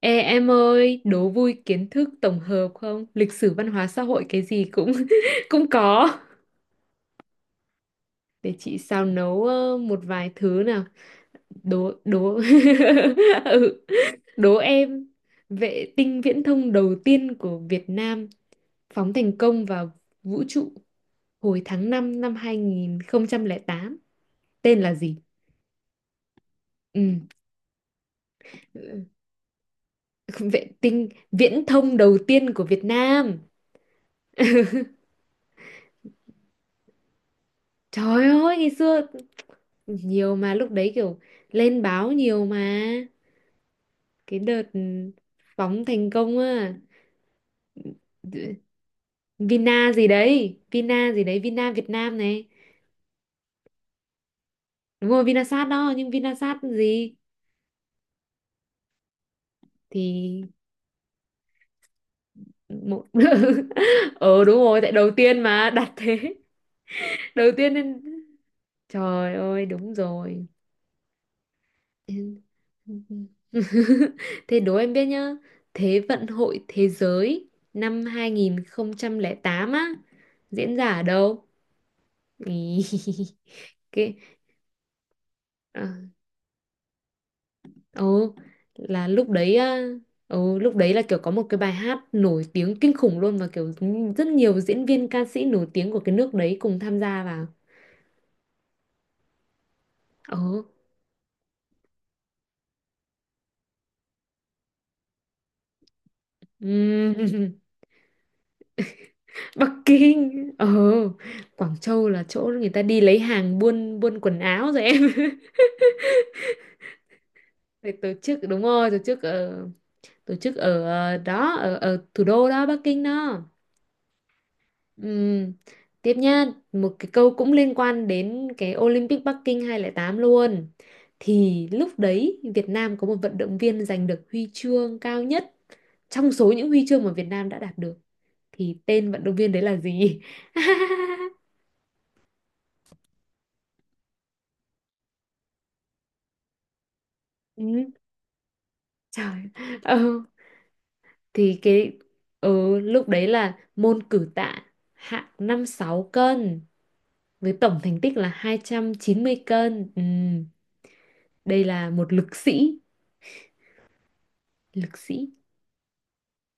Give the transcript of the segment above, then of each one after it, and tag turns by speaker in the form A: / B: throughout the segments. A: Ê em ơi, đố vui kiến thức tổng hợp không? Lịch sử văn hóa xã hội cái gì cũng cũng có. Để chị xào nấu một vài thứ nào. Đố đố. Ừ. Đố em, vệ tinh viễn thông đầu tiên của Việt Nam phóng thành công vào vũ trụ hồi tháng 5 năm 2008, tên là gì? Ừ. Vệ tinh viễn thông đầu tiên của Việt Nam. Trời ơi, ngày xưa nhiều mà lúc đấy kiểu lên báo nhiều mà, cái đợt phóng thành công á. Vina gì đấy, Vina gì đấy, Vina Việt Nam này. Đúng rồi, Vinasat đó, nhưng Vinasat gì? Thì một. Ờ Đúng rồi, tại đầu tiên mà đặt thế, đầu tiên nên, trời ơi, đúng rồi. Thế đố em biết nhá. Thế vận hội thế giới năm 2008 á diễn ra ở đâu? Ý. Cái ờ, ồ, là lúc đấy á, lúc đấy là kiểu có một cái bài hát nổi tiếng kinh khủng luôn, và kiểu rất nhiều diễn viên ca sĩ nổi tiếng của cái nước đấy cùng tham gia vào. Ồ. ừm, Bắc Kinh. Ồ, Quảng Châu là chỗ người ta đi lấy hàng, buôn buôn quần áo rồi em. Thì tổ chức, đúng rồi, tổ chức ở, ở thủ đô đó, Bắc Kinh đó. Ừm. Tiếp nha, một cái câu cũng liên quan đến cái Olympic Bắc Kinh 2008 luôn, thì lúc đấy Việt Nam có một vận động viên giành được huy chương cao nhất trong số những huy chương mà Việt Nam đã đạt được, thì tên vận động viên đấy là gì? Ừ, trời. Ừ, thì cái lúc đấy là môn cử tạ, hạng 56 cân, với tổng thành tích là 290 cân. Ừm. Đây là một lực sĩ, lực sĩ,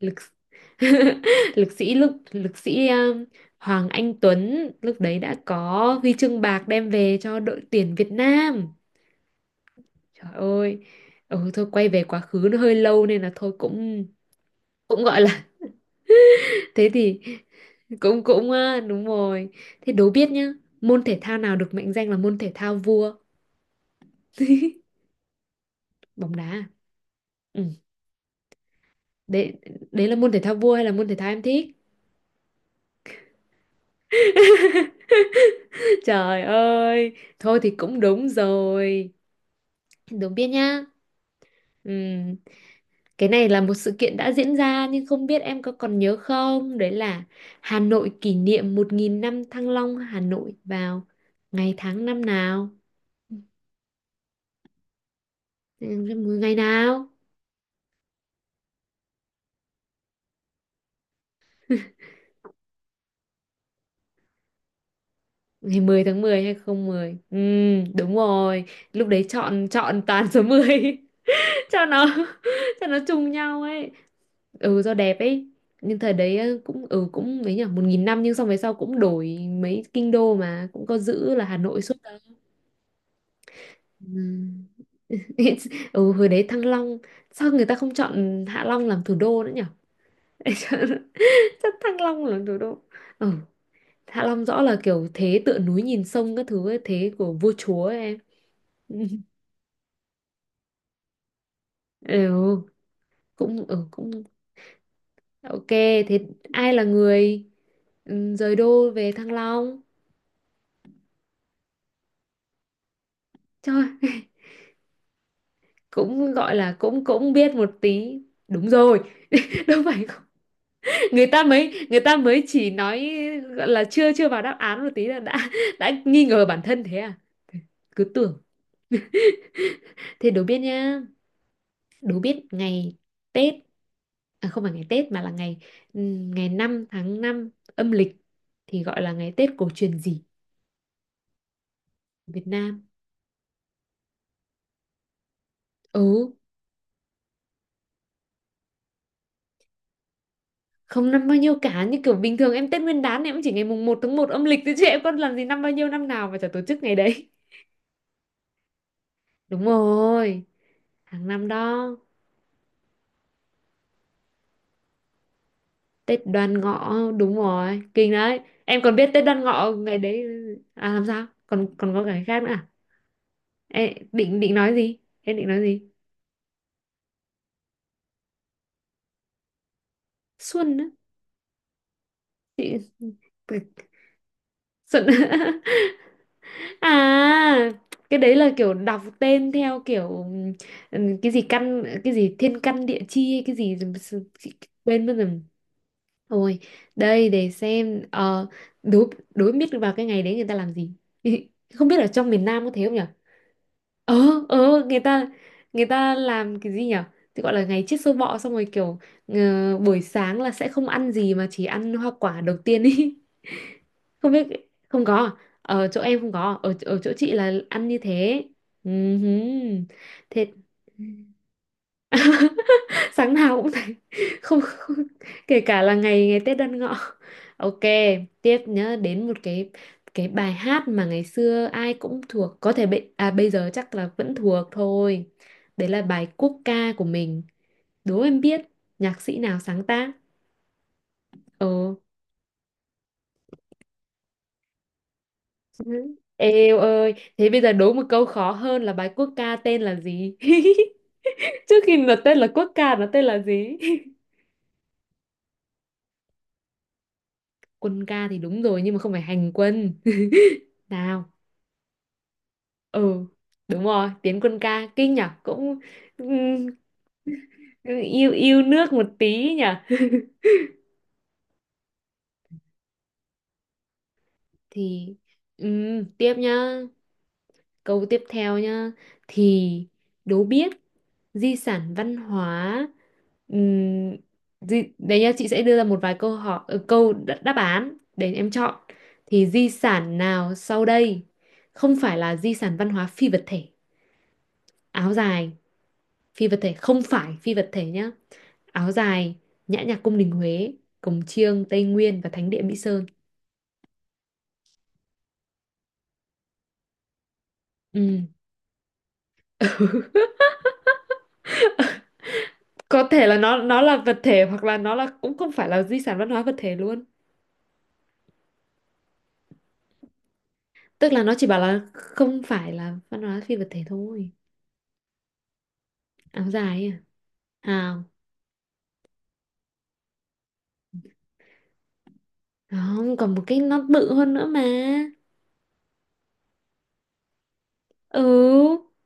A: lực lực sĩ, Hoàng Anh Tuấn, lúc đấy đã có huy chương bạc đem về cho đội tuyển Việt Nam. Trời ơi. Ừ, thôi, quay về quá khứ nó hơi lâu nên là thôi, cũng cũng gọi là, thế thì cũng cũng đúng rồi. Thế đố biết nhá, môn thể thao nào được mệnh danh là môn thể thao vua? Bóng đá? À? Ừ. Đấy, đấy là môn thể thao vua hay là môn thể thao em thích? Trời ơi, thôi thì cũng đúng rồi, đúng, biết nhá. Ừm, cái này là một sự kiện đã diễn ra nhưng không biết em có còn nhớ không, đấy là Hà Nội kỷ niệm 1.000 năm Thăng Long Hà Nội vào ngày tháng năm nào? Ừ, ngày nào? Ngày 10 tháng 10 hay không mười? Ừ, đúng rồi, lúc đấy chọn, chọn toàn số mười, cho nó, cho nó trùng nhau ấy. Ừ, do đẹp ấy, nhưng thời đấy cũng ừ cũng mấy nhỉ, 1.000 năm, nhưng xong về sau cũng đổi mấy kinh đô mà cũng có giữ là Hà Nội suốt đâu. Ừm. Ừ, hồi đấy Thăng Long, sao người ta không chọn Hạ Long làm thủ đô nữa nhỉ? Chắc Thăng Long làm thủ đô, ừ, Hạ Long rõ là kiểu thế tựa núi nhìn sông các thứ ấy, thế của vua chúa ấy, em. Ừ, cũng ừ cũng ok. Thế ai là người, ừ, rời đô về Thăng Long? Trời, cũng gọi là cũng cũng biết một tí. Đúng rồi. Đâu phải không? Người ta mới, người ta mới chỉ nói, gọi là chưa, chưa vào đáp án một tí là đã đã nghi ngờ bản thân thế à? Cứ tưởng. Thế đố biết nhá, đố biết ngày Tết, à không phải ngày Tết, mà là ngày, ngày 5 tháng 5 âm lịch, thì gọi là ngày Tết cổ truyền gì ở Việt Nam? Ừ, không năm bao nhiêu cả, như kiểu bình thường em Tết Nguyên đán em cũng chỉ ngày mùng 1 tháng 1 âm lịch thôi, chứ em có làm gì năm bao nhiêu, năm nào mà chả tổ chức ngày đấy. Đúng rồi, hàng năm đó. Tết Đoan Ngọ, đúng rồi, kinh đấy, em còn biết Tết Đoan Ngọ ngày đấy à? Làm sao, còn còn có cái khác nữa à? Em định định nói gì, em định nói gì? Xuân á? Chị. Xuân. À, cái đấy là kiểu đọc tên theo kiểu, cái gì căn, cái gì thiên căn địa chi hay cái gì, chị quên mất rồi. Thôi, đây để xem đố, đố biết vào cái ngày đấy người ta làm gì. Không biết ở trong miền Nam có thế không nhở? Ờ, người ta, người ta làm cái gì nhở? Thì gọi là ngày chết sâu bọ, xong rồi kiểu, ờ, buổi sáng là sẽ không ăn gì mà chỉ ăn hoa quả đầu tiên ý. Không biết, không có à? Ở chỗ em không có, à? Ở, ở chỗ chị là ăn như thế. Ừ. Thế, sáng nào cũng thấy. Không, không, kể cả là ngày, ngày Tết Đoan Ngọ. Ok, tiếp, nhớ đến một cái bài hát mà ngày xưa ai cũng thuộc, có thể bị à bây giờ chắc là vẫn thuộc thôi, đấy là bài quốc ca của mình, đố em biết nhạc sĩ nào sáng tác? Ờ. Eo ơi, thế bây giờ đố một câu khó hơn là bài quốc ca tên là gì? Trước khi nó tên là quốc ca, nó tên là gì? Quân ca thì đúng rồi, nhưng mà không phải hành quân. Nào. Ừ, đúng rồi, Tiến Quân ca, kinh nhở, cũng ừm, yêu yêu nước một tí nhở. Thì, tiếp nhá, câu tiếp theo nhá, thì đố biết di sản văn hóa, ừm, đấy nhá, chị sẽ đưa ra một vài câu hỏi, câu đáp án để em chọn, thì di sản nào sau đây không phải là di sản văn hóa phi vật thể: áo dài, phi vật thể, không phải phi vật thể nhá, áo dài, nhã nhạc cung đình Huế, cồng chiêng Tây Nguyên và thánh địa Mỹ Sơn. Ừ. Có thể là nó là vật thể, hoặc là nó là cũng không phải là di sản văn hóa vật thể luôn, tức là nó chỉ bảo là không phải là văn hóa phi vật thể thôi. Áo dài ấy à? À, không, còn một cái nó bự hơn nữa mà. Ừ,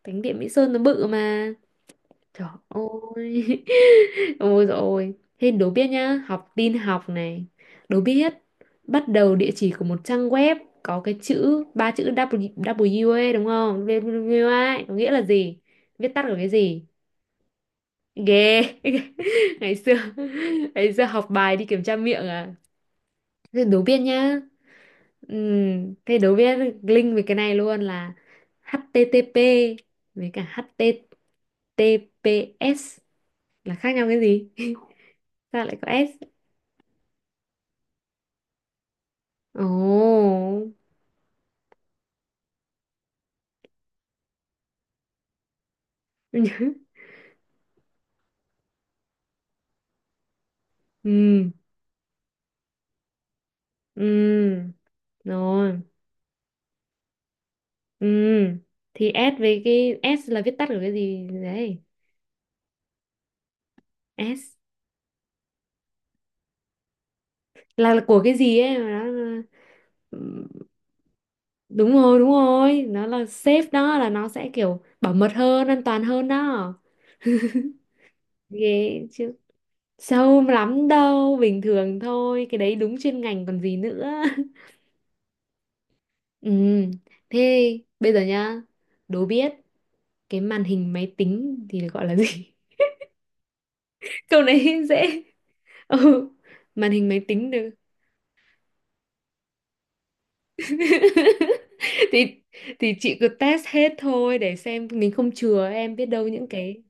A: thánh địa Mỹ Sơn nó bự mà. Trời ơi. Ôi dồi ôi. Thế đố biết nhá, học tin học này. Đố biết bắt đầu địa chỉ của một trang web có cái chữ ba chữ W, W ấy đúng không? W W ấy, có nghĩa là gì? Viết tắt của cái gì? Ghê. Ngày xưa, ngày xưa học bài đi kiểm tra miệng à. Thế đố biết nhá. Thế đố biết, link về cái này luôn, là HTTP với cả HTTPS là khác nhau cái gì? Sao lại có S? Ồ. Ừ. Ừ. Rồi. Ừ. Thì S, với cái S là viết tắt của cái gì đấy? S là của cái gì ấy mà nó là- Ừ, đúng rồi, nó là safe đó, là nó sẽ kiểu bảo mật hơn, an toàn hơn đó. Ghê chứ. Sâu lắm đâu, bình thường thôi, cái đấy đúng chuyên ngành còn gì nữa. Ừ. Thế bây giờ nhá, đố biết cái màn hình máy tính thì được gọi là gì? Câu này dễ. Ừ, màn hình máy tính được. thì thì chị cứ test hết thôi, để xem mình, không chừa em, biết đâu những cái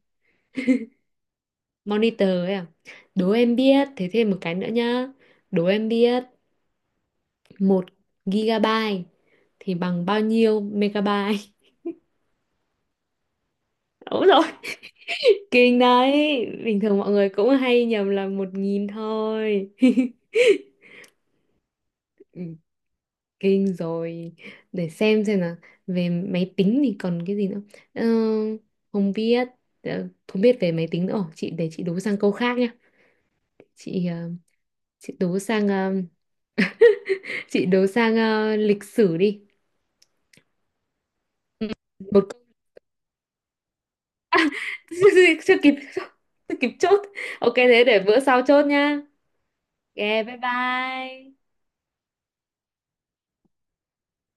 A: monitor ấy à. Đố em biết, thế thêm một cái nữa nhá, đố em biết một gigabyte thì bằng bao nhiêu megabyte? Đúng rồi, kinh đấy, bình thường mọi người cũng hay nhầm là 1.000 thôi. Ừ, kinh rồi, để xem là về máy tính thì còn cái gì nữa. Ờ, không biết, không biết về máy tính nữa. Ồ, chị để chị đố sang câu khác nhá, chị ờ, chị đố sang ờ, chị đố sang lịch sử đi, một câu- chưa kịp, chưa kịp chốt. Ok, thế để bữa sau chốt nhá, ok, bye bye